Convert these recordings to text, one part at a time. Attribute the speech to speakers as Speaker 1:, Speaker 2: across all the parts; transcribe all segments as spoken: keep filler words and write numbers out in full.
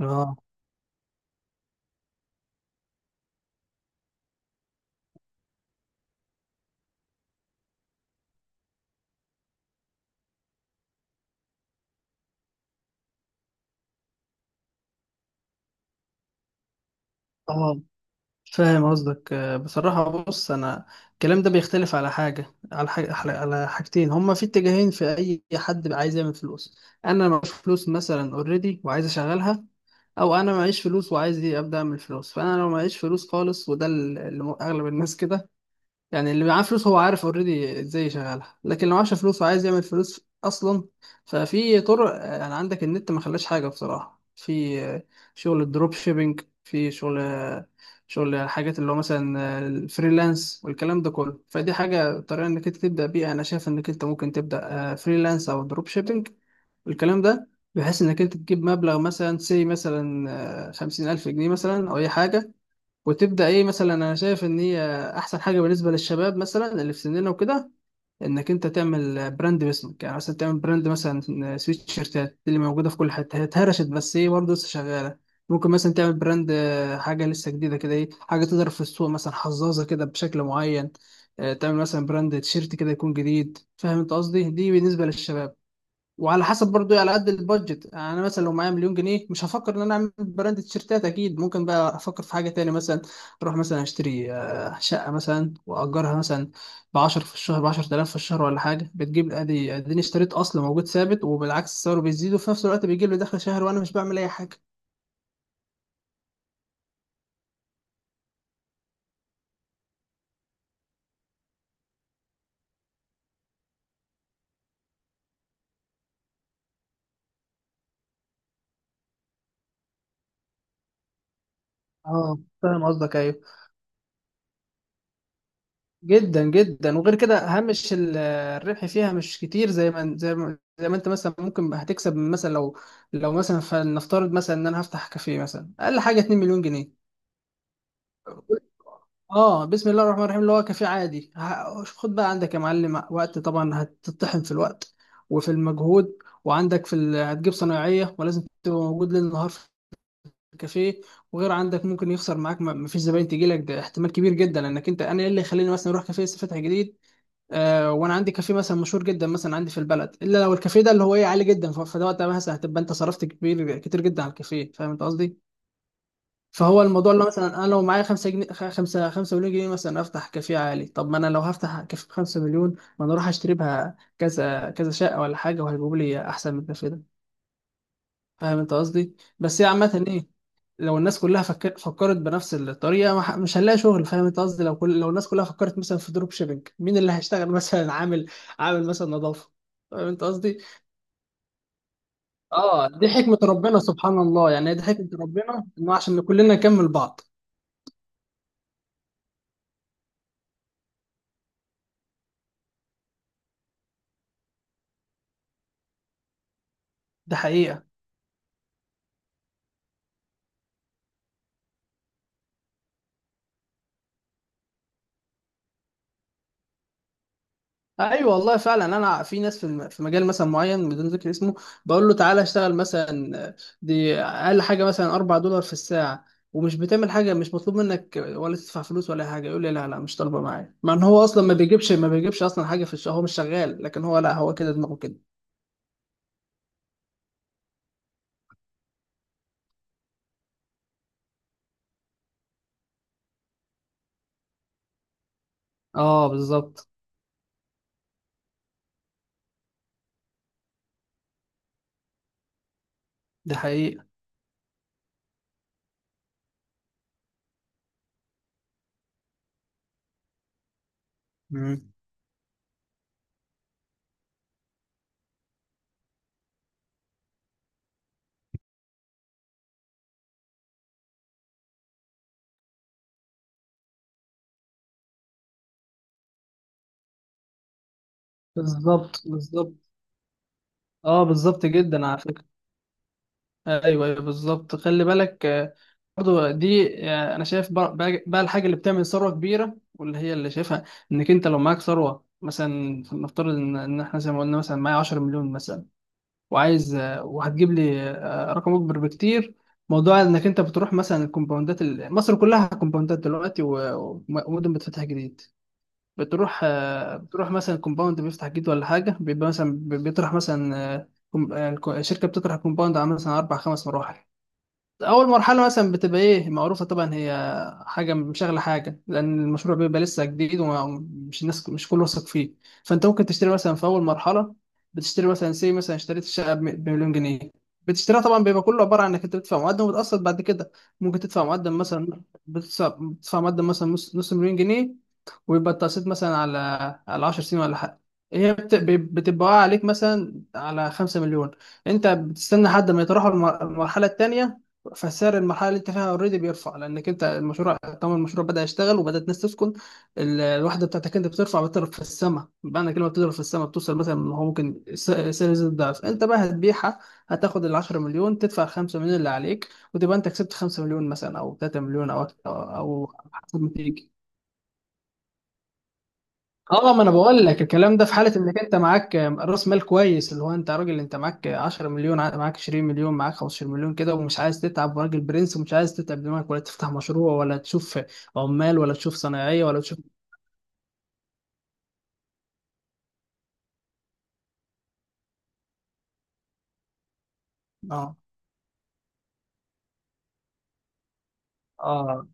Speaker 1: اه اه فاهم قصدك آه، بصراحة. بص، أنا الكلام ده بيختلف على حاجة على حاجة على حاجتين، هما في اتجاهين. في أي حد بقى عايز يعمل فلوس، أنا معيش فلوس مثلا أوريدي وعايز أشغلها، أو أنا معيش فلوس وعايز إيه، أبدأ أعمل فلوس. فأنا لو معيش فلوس خالص، وده اللي أغلب الناس كده، يعني اللي معاه فلوس هو عارف اوريدي ازاي يشغلها، لكن لو معاش فلوس وعايز يعمل فلوس اصلا، ففي طرق آه، يعني عندك النت ما خلاش حاجه بصراحه. في آه، شغل الدروب شيبينج، في شغل آه، شغل حاجات اللي هو مثلا آه، الفريلانس والكلام ده كله. فدي حاجه، طريقه انك انت تبدا بيها، انا شايف انك انت ممكن تبدا آه، فريلانس او دروب شيبينج والكلام ده، بحيث انك انت تجيب مبلغ مثلا سي مثلا آه، خمسين الف جنيه مثلا او اي حاجه، وتبدا ايه. مثلا انا شايف ان هي احسن حاجه بالنسبه للشباب مثلا اللي في سننا وكده، انك انت تعمل براند باسمك، يعني مثلا تعمل براند مثلا سويت شيرتات. اللي موجوده في كل حته، هي اتهرشت، بس ايه، برضه لسه شغاله. ممكن مثلا تعمل براند آه، حاجه لسه جديده كده، ايه، حاجه تضرب في السوق، مثلا حظاظه كده بشكل معين. آه، تعمل مثلا براند تيشيرت كده يكون جديد. فاهم انت قصدي؟ دي بالنسبه للشباب. وعلى حسب برضو إيه، على قد البادجت، يعني انا مثلا لو معايا مليون جنيه مش هفكر ان انا اعمل براند تيشيرتات، اكيد ممكن بقى افكر في حاجه تانية. مثلا اروح مثلا اشتري آه، شقه مثلا واجرها مثلا ب عشرة في الشهر، ب عشرة آلاف في الشهر ولا حاجه، بتجيب. ادي اديني اشتريت اصل موجود ثابت، وبالعكس سعره بيزيد، وفي نفس الوقت بيجيب لي دخل شهري وانا مش بعمل اي حاجه. اه، فاهم قصدك، ايوه. جدا جدا. وغير كده هامش ال- الربح فيها مش كتير. زي ما زي ما زي ما انت مثلا ممكن هتكسب من مثلا لو لو مثلا فلنفترض مثلا ان انا هفتح كافيه مثلا، اقل حاجه 2 مليون جنيه. اه، بسم الله الرحمن الرحيم، اللي هو كافيه عادي. ه- شوف، خد بقى عندك يا معلم، وقت طبعا هتطحن في الوقت وفي المجهود، وعندك في ال... هتجيب صنايعيه، ولازم تبقى موجود ليل نهار في الكافيه. وغير عندك ممكن يخسر معاك، ما ما فيش زباين تجي لك، ده احتمال كبير جدا. لانك انت، انا ايه اللي يخليني مثلا اروح كافيه لسه فاتح جديد آه، وانا عندي كافيه مثلا مشهور جدا مثلا عندي في البلد، الا لو الكافيه ده اللي هو ايه، عالي جدا. ف- فده وقتها مثلا هتبقى انت صرفت كبير، كتير جدا على الكافيه. فاهم انت قصدي؟ فهو الموضوع، اللي هو مثلا انا لو معايا خمسة جنيه، خمسة خمسة مليون جنيه مثلا، افتح كافيه عالي. طب ما انا لو هفتح كافيه ب خمسة مليون، ما انا اروح اشتري بها كذا كذا شقه ولا حاجه، وهيجيبوا لي احسن من الكافيه ده. فاهم انت قصدي؟ بس هي عامة، ايه، لو الناس كلها فكر... فكرت بنفس الطريقة، ما ح- مش هنلاقي شغل. فاهم انت قصدي؟ لو كل... لو الناس كلها فكرت مثلا في دروب شيبينج، مين اللي هيشتغل مثلا عامل عامل مثلا نظافة. فاهم انت قصدي؟ اه، دي حكمة ربنا سبحان الله، يعني دي حكمة ربنا انه عشان كلنا نكمل بعض. ده حقيقة. ايوه والله فعلا. انا في ناس في الم- في مجال مثلا معين بدون ذكر اسمه، بقول له تعالى اشتغل مثلا، دي اقل حاجه مثلا اربعة دولار في الساعه، ومش بتعمل حاجه، مش مطلوب منك ولا تدفع فلوس ولا حاجه، يقول لي لا لا مش طالبه، معايا. مع ان هو اصلا ما بيجيبش ما بيجيبش اصلا حاجه في الشهر، هو مش شغال، لكن هو لا، هو كده، دماغه كده. اه بالظبط. دي حقيقه. مم. بالظبط بالظبط. اه بالظبط جدا على فكره. ايوه ايوه بالظبط. خلي بالك آه، برضو دي آه، انا شايف بقى بقى- بقى الحاجه اللي بتعمل ثروه كبيره واللي هي اللي شايفها، انك انت لو معاك ثروه مثلا، نفترض ان إن احنا زي ما قلنا مثلا معايا عشر مليون مثلا، وعايز آه، وهتجيب لي آه، رقم اكبر بكتير. موضوع انك انت بتروح مثلا الكومباوندات، ال- مصر كلها كومباوندات دلوقتي، و- وم- ومدن بتفتح جديد. بتروح آه، بتروح مثلا كومباوند بيفتح جديد ولا حاجه، بيبقى مثلا بيطرح مثلا آه، كوم- آه، الكو- الشركه بتطرح كومباوند على مثلا اربع خمس مراحل. اول مرحله مثلا بتبقى ايه، معروفه طبعا هي حاجه مشغله حاجه، لان المشروع بيبقى لسه جديد ومش الناس مش كله واثق فيه. فانت ممكن تشتري مثلا في اول مرحله، بتشتري مثلا سي مثلا اشتريت الشقه بم- بمليون جنيه، بتشتريها طبعا. بيبقى كله عباره عن انك انت بتدفع مقدم وبتقسط بعد كده، ممكن تدفع مقدم مثلا، بتدفع بتدفع مقدم مثلا نص نص مليون جنيه، ويبقى التقسيط مثلا على على عشر سنين ولا حاجه. هي بت- بتبقى واقعة عليك مثلا على خمسة مليون. انت بتستنى لحد ما يتراوحوا المر- المرحله الثانيه، فسعر المرحله اللي انت فيها اوريدي بيرفع، لانك انت المشروع طبعا، المشروع بدا يشتغل وبدات الناس تسكن. ال- الوحده بتاعتك انت بترفع، بتضرب في السماء بمعنى كلمه، بتضرب في السماء، بتوصل مثلا، هو ممكن س- سعر يزيد ضعف. انت بقى هتبيعها، هتاخد ال عشر مليون، تدفع خمسة مليون اللي عليك، وتبقى انت كسبت خمسة مليون مثلا او تلاتة مليون، او أكتر- او أو حسب ما تيجي. اه، ما انا بقول لك الكلام ده في حاله انك انت معاك راس مال كويس، اللي هو انت راجل انت معاك عشر مليون، ع- معاك عشرين مليون، معاك خمسة عشر مليون كده، ومش عايز تتعب، وراجل برنس ومش عايز تتعب دماغك، ولا تفتح مشروع ولا تشوف عمال ولا تشوف صنايعيه ولا تشوف. اه اه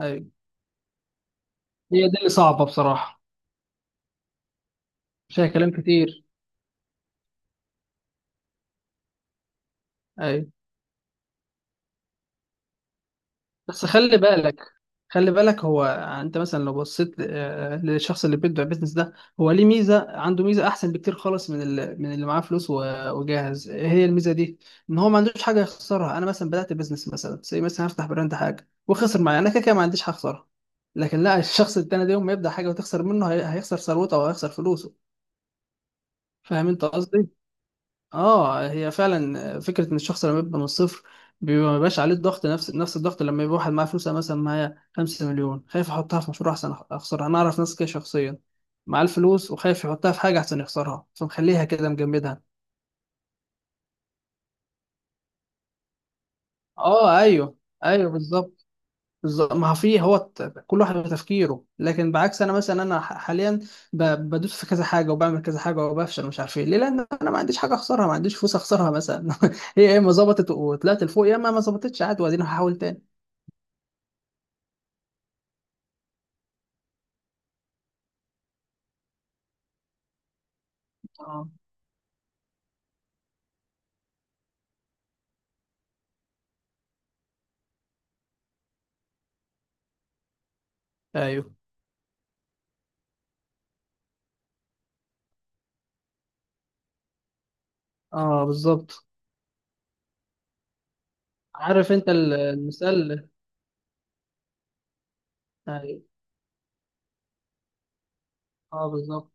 Speaker 1: ايوه. هي دي اللي صعبه بصراحه. مش هي كلام كتير. ايوه. بس خلي بالك، خلي بالك هو انت مثلا لو بصيت آه، للشخص اللي بيبدأ بيزنس ده، هو ليه ميزة، عنده ميزة احسن بكتير خالص من ال- من اللي معاه فلوس و- وجاهز. إيه هي الميزة دي؟ ان هو ما عندوش حاجة يخسرها. انا مثلا بدأت بيزنس مثلا، زي مثلا هفتح براند حاجة وخسر معايا، انا كده كده ما عنديش حاجة اخسرها. لكن لا، الشخص التاني ده يوم ما يبدأ حاجة وتخسر منه، هي- هيخسر ثروته او هيخسر فلوسه. فاهم انت قصدي؟ اه، هي فعلا فكره، ان الشخص لما يبقى من الصفر بيبقى ما بيبقاش عليه الضغط، نفس نفس الضغط لما يبقى واحد معاه فلوس. أنا مثلا معايا خمسة مليون، خايف احطها في مشروع احسن اخسرها. انا اعرف ناس كده شخصيا معاه الفلوس، وخايف يحطها في حاجه احسن يخسرها، فمخليها كده، مجمدها. اه ايوه ايوه بالظبط. بالظبط. ما هو في هو الت- كل واحد بتفكيره. لكن بعكس انا مثلا، انا ح- حاليا ب- بدوس في كذا حاجه، وبعمل كذا حاجه، وبفشل مش عارف ايه ليه، لان انا ما عنديش حاجه اخسرها، ما عنديش فلوس اخسرها مثلا. هي يا اما ظبطت وطلعت لفوق، يا اما ما ظبطتش عادي، وبعدين هحاول تاني. اه ايوه. اه بالظبط. عارف انت ال- المثال. ايوه، اه بالظبط.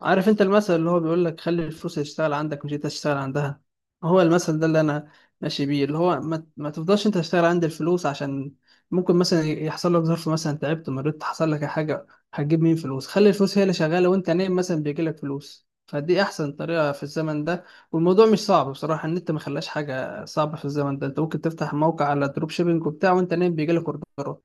Speaker 1: عارف انت المثل اللي هو بيقول لك: خلي الفلوس تشتغل عندك مش انت تشتغل عندها. هو المثل ده اللي انا ماشي بيه، اللي هو ما, ما تفضلش انت تشتغل عند الفلوس، عشان ممكن مثلا يحصل لك ظرف مثلا، تعبت، مريت، حصل لك حاجة، هتجيب مين فلوس؟ خلي الفلوس هي اللي شغالة وانت نايم مثلا بيجي لك فلوس. فدي احسن طريقة في الزمن ده. والموضوع مش صعب بصراحة، ان انت ما خلاش حاجة صعبة في الزمن ده. انت ممكن تفتح موقع على دروب شيبينج وبتاع، وانت نايم بيجي لك اوردرات.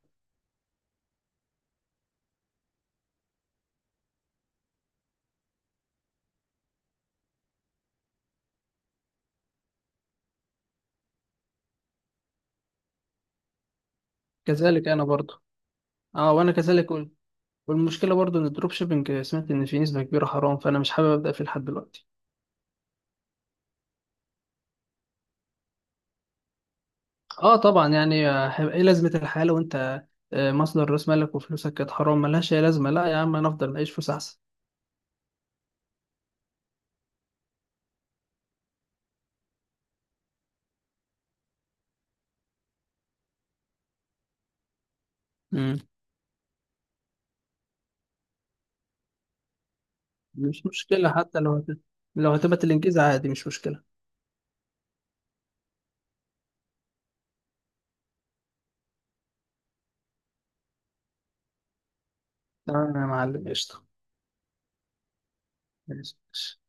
Speaker 1: كذلك انا برضه. اه وانا كذلك. والمشكله برضو ان الدروب شيبنج سمعت ان في نسبه كبيره حرام، فانا مش حابب ابدا فيه لحد دلوقتي. اه طبعا، يعني آه، هيبقى ايه لازمه الحياه لو انت آه، مصدر راس مالك وفلوسك كانت حرام؟ ملهاش اي لازمه. لا يا عم، انا افضل اعيش فلوس احسن. مم. مش مشكله. حتى لو هت... لو هتبقى الانجاز عادي، مش مشكله. تمام يا معلم، قشطه. ماشي.